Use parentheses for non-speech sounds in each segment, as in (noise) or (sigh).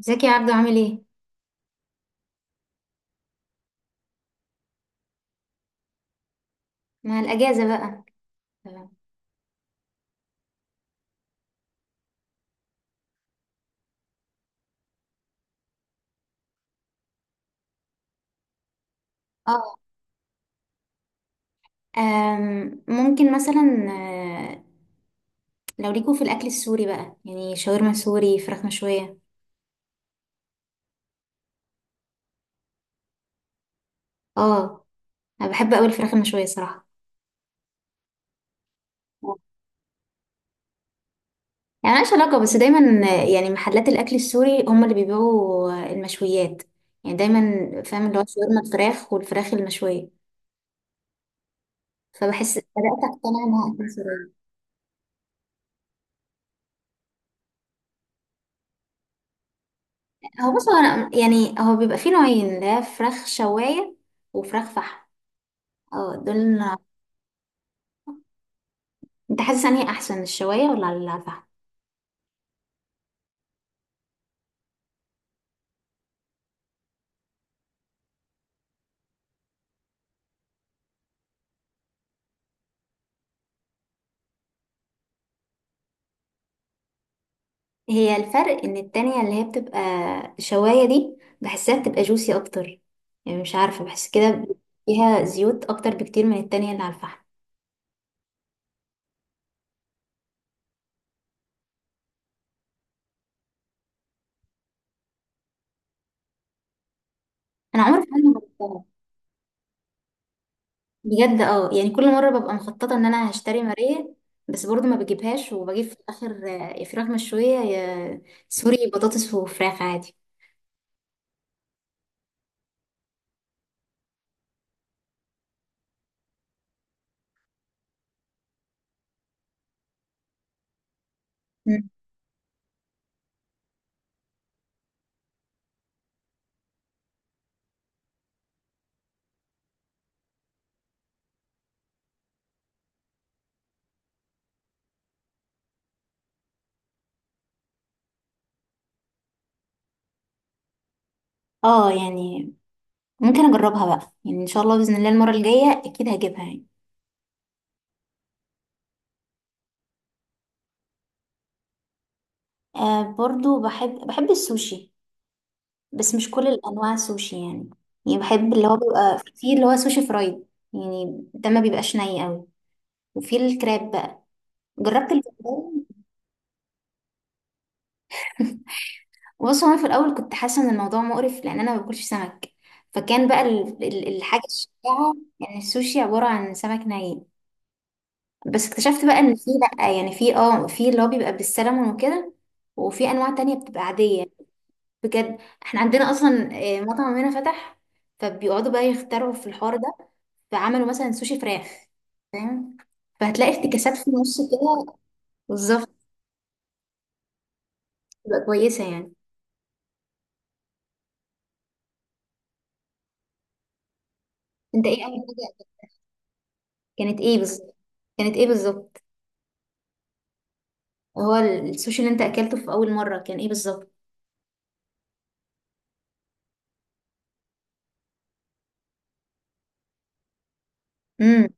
ازيك يا عبدو، عامل ايه؟ مع الأجازة بقى. تمام. اه. ممكن مثلا، لو ليكوا في الأكل السوري بقى، يعني شاورما سوري، فراخ مشوية. اه، أنا بحب أوي الفراخ المشوية صراحة. يعني ملهاش علاقة، بس دايما يعني محلات الأكل السوري هم اللي بيبيعوا المشويات. يعني دايما، فاهم اللي هو شاورما الفراخ والفراخ المشوية. فبحس بدأت أقتنع إنها أكل سوري. هو بص، هو أنا يعني، هو بيبقى فيه نوعين، اللي هي فراخ شواية وفراخ فحم. اه، دول. انت حاسس انهي احسن، الشوايه ولا على الفحم؟ هي الفرق ان التانية اللي هي بتبقى، الشوايه دي بحسها بتبقى جوسي اكتر، يعني مش عارفه، بحس كده. فيها زيوت اكتر بكتير من التانية اللي على الفحم. انا عمري في حياتي ما جربتها بجد. اه يعني، كل مره ببقى مخططه ان انا هشتري ماريه، بس برضو ما بجيبهاش وبجيب في الاخر يا فراخ مشويه يا سوري بطاطس وفراخ عادي. مم. اه يعني ممكن اجربها بقى، يعني ان شاء الله باذن الله المره الجايه اكيد هجيبها يعني. آه، برضو بحب السوشي. بس مش كل الانواع سوشي يعني. يعني بحب اللي هو بيبقى فيه، اللي هو سوشي فرايد. يعني ده ما بيبقاش ني قوي. وفي الكراب بقى، جربت الجمبري. (laughs) بص، هو انا في الاول كنت حاسه ان الموضوع مقرف، لان انا ما باكلش سمك. فكان بقى الحاجه الشائعه، يعني السوشي عباره عن سمك ني. بس اكتشفت بقى ان في، لا يعني، في اللي هو بيبقى بالسلمون وكده، وفي انواع تانية بتبقى عاديه. بجد. احنا عندنا اصلا مطعم هنا فتح، فبيقعدوا بقى يخترعوا في الحوار ده. فعملوا مثلا سوشي فراخ، فاهم؟ فهتلاقي افتكاسات في النص كده. بالظبط. تبقى كويسه يعني. انت ايه اول حاجه كانت ايه بالظبط؟ كانت ايه بالظبط؟ هو السوشي اللي انت اكلته في اول مره كان ايه بالظبط؟ امم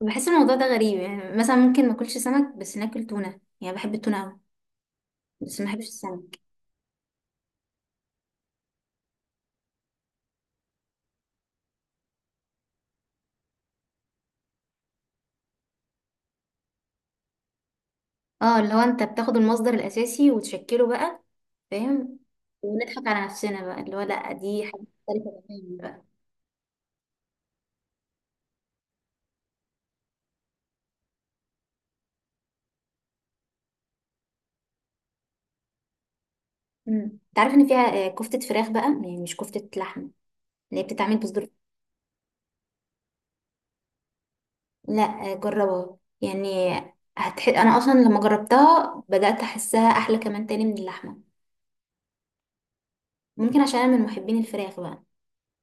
بحس الموضوع ده غريب، يعني مثلا ممكن ما اكلش سمك بس ناكل تونه، يعني بحب التونه قوي، بس ما بحبش السمك. اه، اللي هو انت بتاخد المصدر الاساسي وتشكله بقى، فاهم؟ ونضحك على نفسنا بقى، اللي هو لا، دي حاجة مختلفة تماما بقى. مم. انت عارف ان فيها كفتة فراخ بقى، يعني مش كفتة لحمة، اللي هي بتتعمل بصدور. لا، جربها يعني. انا اصلا لما جربتها بدأت احسها احلى كمان تاني من اللحمة. ممكن عشان انا من محبين الفراخ بقى،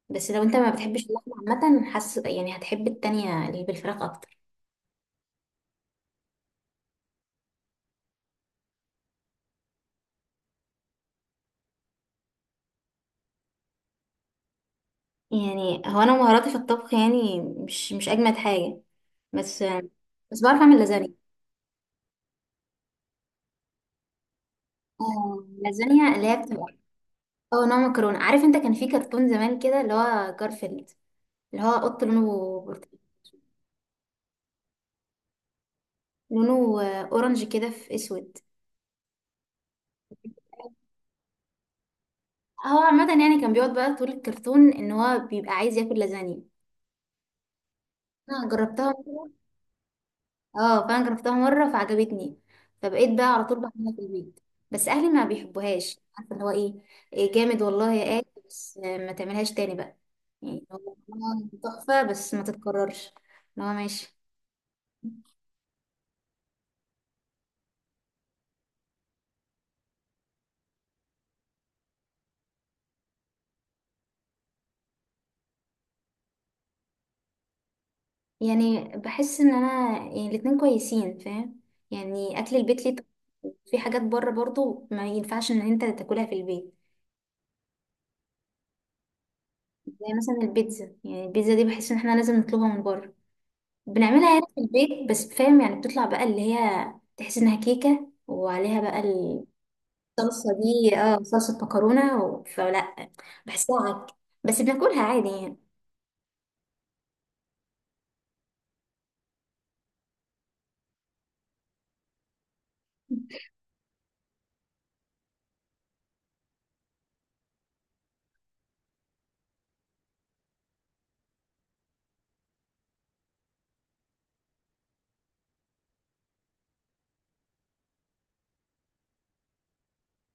بس لو انت ما بتحبش اللحمة، عامة حاسس يعني هتحب التانية اللي بالفراخ اكتر. يعني هو انا مهاراتي في الطبخ يعني مش اجمد حاجة، بس بعرف اعمل لازانيا. لازانيا اللي هي بتبقى، اه، نوع مكرونه. عارف انت كان في كرتون زمان كده اللي هو جارفيلد، اللي هو قط لونه برتقالي؟ لونه اورنج كده في اسود. هو عامه يعني كان بيقعد بقى طول الكرتون ان هو بيبقى عايز ياكل لازانيا. انا جربتها مره. اه، فانا جربتها مره فعجبتني، فبقيت بقى على طول بعملها في البيت. بس اهلي ما بيحبوهاش، عارفه اللي هو ايه؟ إيه جامد والله يا اكل، بس ما تعملهاش تاني بقى. يعني هو تحفه بس ما تتكررش. اللي هو ماشي. يعني بحس ان انا يعني الاتنين كويسين، فاهم؟ يعني اكل البيت ليه طعم. في حاجات بره برضو ما ينفعش ان انت تاكلها في البيت. زي مثلا البيتزا. يعني البيتزا دي بحس ان احنا لازم نطلبها من بره. بنعملها هنا في البيت بس، فاهم؟ يعني بتطلع بقى اللي هي تحس انها كيكة، وعليها بقى الصلصة دي، اه صلصة مكرونة فلا. بحسها عك، بس بناكلها عادي يعني.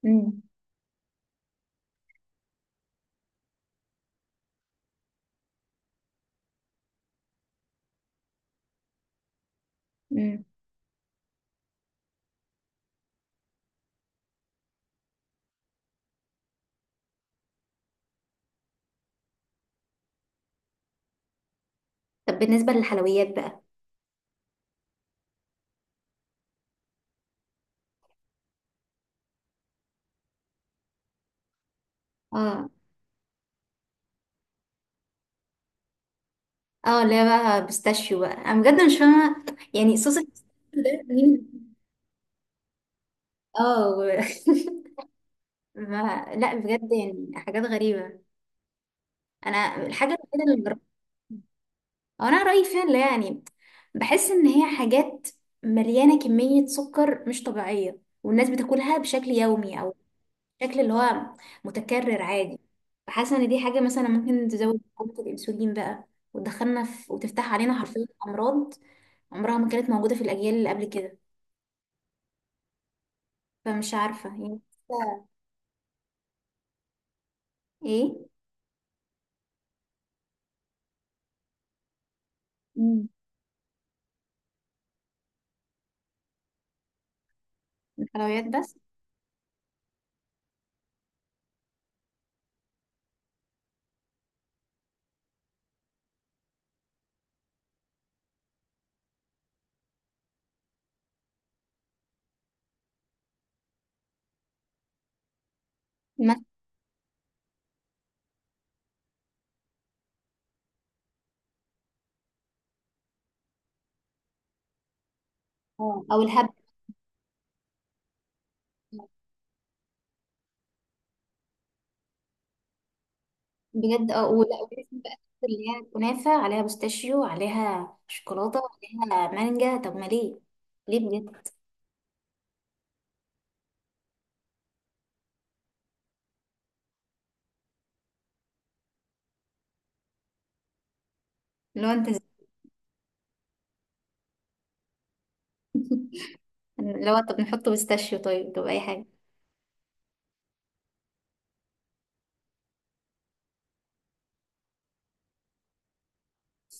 امم. امم. طب بالنسبة للحلويات بقى؟ اه. اه، اللي هي بقى بيستاشيو بقى، انا بجد مش فاهمه يعني. صوص البيستاشيو ده منين؟ اه (laughs) ما... لا بجد، يعني حاجات غريبه. انا الحاجه الوحيده اللي جربتها، أو انا رايي فيها، اللي هي يعني، بحس ان هي حاجات مليانه كميه سكر مش طبيعيه، والناس بتاكلها بشكل يومي، او بشكل اللي هو متكرر عادي. فحاسه ان دي حاجه مثلا ممكن تزود حالة الانسولين بقى، وتدخلنا في، وتفتح علينا حرفيا امراض عمرها ما كانت موجوده في الاجيال اللي قبل كده. فمش عارفة يعني. لسه. ايه. مم. الحلويات بس. مثلا. اه، او الهبة. بجد، اه. ولا ولازم بقى اللي هي الكنافة عليها بوستاشيو، عليها شوكولاتة، عليها مانجا؟ طب ما ليه؟ ليه بجد. لو انت ز- لو (laughs) طب نحط بوستاشيو، طيب، طب اي حاجة.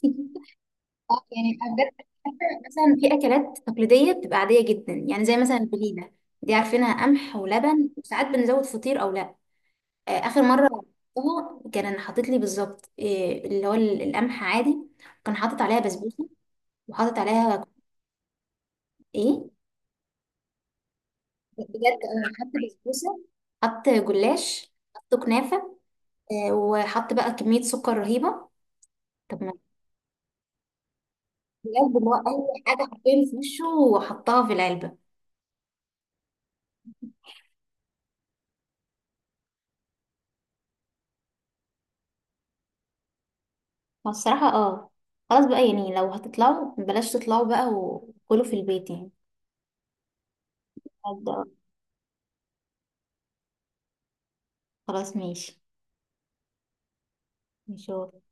(laughs) اه يعني بجد، مثلا في اكلات تقليدية بتبقى عادية جدا، يعني زي مثلا البليلة، دي عارفينها قمح ولبن وساعات بنزود فطير او لا. اخر مره رحتها كان حاطط لي بالظبط إيه اللي هو القمح عادي، كان حاطط عليها بسبوسه، وحاطط عليها ايه؟ بجد حط بسبوسه، حط جلاش، حط كنافه، وحط بقى كميه سكر رهيبه. طب ما، بجد اللي هو اي حاجه حرفيا في وشه وحطها في العلبه. فالصراحه اه، خلاص بقى يعني، لو هتطلعوا بلاش تطلعوا بقى وكلوا في البيت يعني. بجد، آه. خلاص ماشي. ماشي.